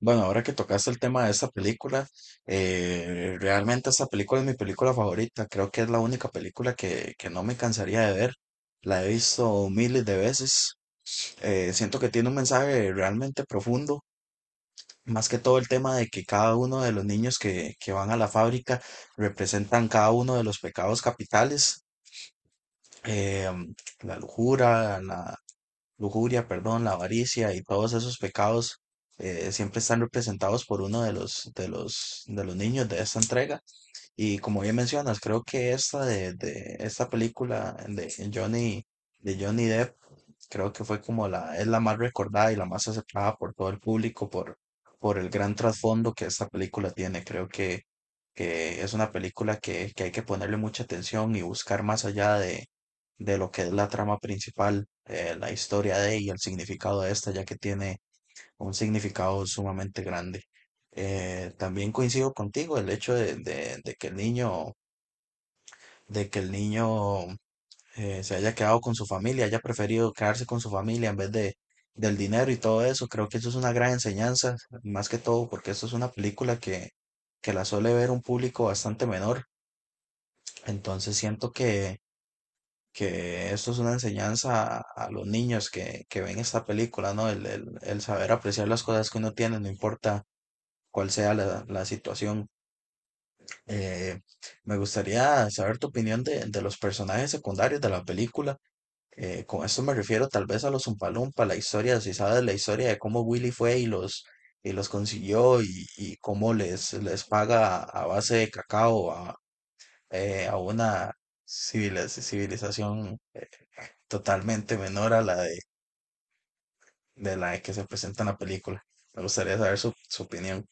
Bueno, ahora que tocaste el tema de esta película, realmente esta película es mi película favorita. Creo que es la única película que no me cansaría de ver. La he visto miles de veces. Siento que tiene un mensaje realmente profundo. Más que todo el tema de que cada uno de los niños que van a la fábrica representan cada uno de los pecados capitales. em, la lujuria, perdón, la avaricia y todos esos pecados siempre están representados por uno de los niños de esta entrega. Y como bien mencionas, creo que de esta película de de Johnny Depp, creo que fue como es la más recordada y la más aceptada por todo el público por el gran trasfondo que esta película tiene. Que es una película que hay que ponerle mucha atención y buscar más allá de lo que es la trama principal, la historia de y el significado de esta, ya que tiene un significado sumamente grande. También coincido contigo el hecho de que el niño se haya quedado con su familia, haya preferido quedarse con su familia en vez de del dinero y todo eso. Creo que eso es una gran enseñanza, más que todo porque esto es una película que la suele ver un público bastante menor. Entonces siento que esto es una enseñanza a los niños que ven esta película, ¿no? El saber apreciar las cosas que uno tiene, no importa cuál sea la situación. Eh, Me gustaría saber tu opinión de los personajes secundarios de la película. Con esto me refiero tal vez a los Umpalumpa, la historia, si sabes la historia de cómo Willy fue y los consiguió y cómo les paga a base de cacao a una civilización totalmente menor a de la que se presenta en la película. Me gustaría saber su opinión.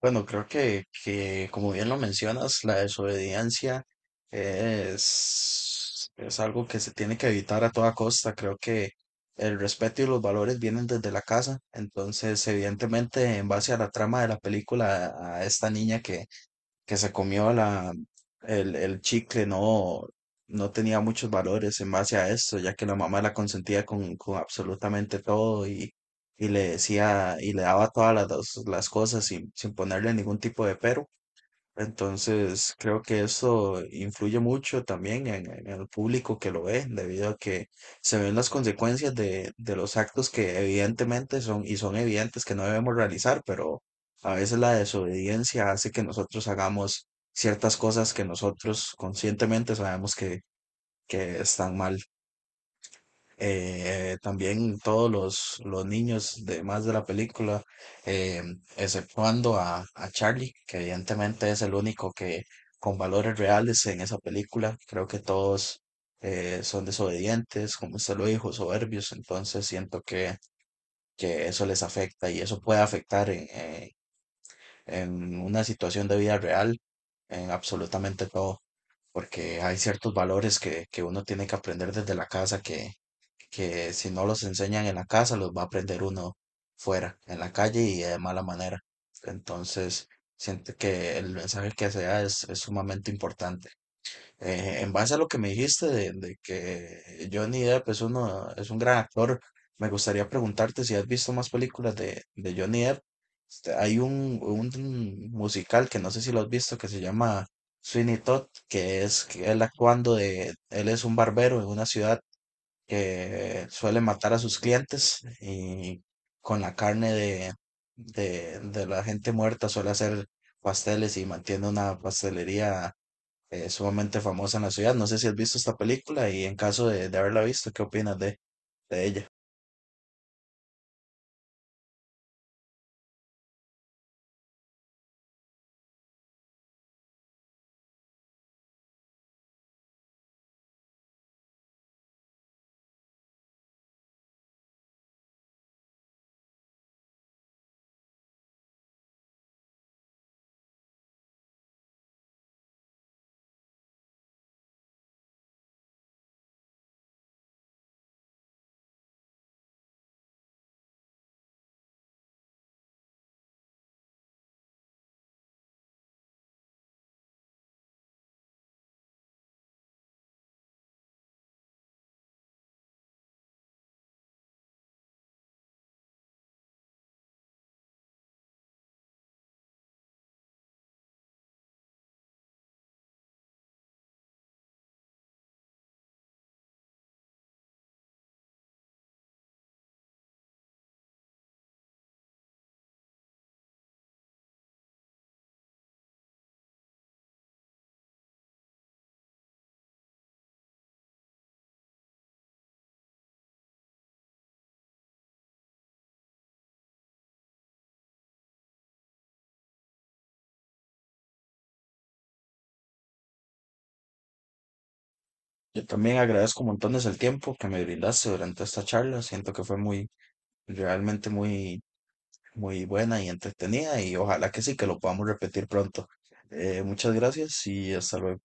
Bueno, creo que como bien lo mencionas, la desobediencia es algo que se tiene que evitar a toda costa. Creo que el respeto y los valores vienen desde la casa. Entonces, evidentemente, en base a la trama de la película, a esta niña que se comió el chicle no, no tenía muchos valores en base a esto, ya que la mamá la consentía con absolutamente todo y le decía y le daba todas las cosas sin ponerle ningún tipo de pero. Entonces, creo que eso influye mucho también en el público que lo ve, debido a que se ven las consecuencias de los actos que evidentemente son y son evidentes que no debemos realizar, pero a veces la desobediencia hace que nosotros hagamos ciertas cosas que nosotros conscientemente sabemos que están mal. También todos los niños demás de la película, eh, exceptuando a Charlie, que evidentemente es el único que con valores reales en esa película. Creo que todos son desobedientes, como usted lo dijo, soberbios, entonces siento que eso les afecta y eso puede afectar en una situación de vida real en absolutamente todo. Porque hay ciertos valores que uno tiene que aprender desde la casa, que si no los enseñan en la casa, los va a aprender uno fuera, en la calle y de mala manera. Entonces, siento que el mensaje que se da es sumamente importante. En base a lo que me dijiste de que Johnny Depp es uno, es un gran actor, me gustaría preguntarte si has visto más películas de Johnny Depp. Este, hay un musical que no sé si lo has visto que se llama Sweeney Todd, que es que él actuando de, él es un barbero en una ciudad que suele matar a sus clientes y con la carne de la gente muerta suele hacer pasteles y mantiene una pastelería sumamente famosa en la ciudad. No sé si has visto esta película y en caso de haberla visto, ¿qué opinas de ella? Yo también agradezco montones el tiempo que me brindaste durante esta charla. Siento que fue muy, realmente muy, muy buena y entretenida y ojalá que sí, que lo podamos repetir pronto. Muchas gracias y hasta luego.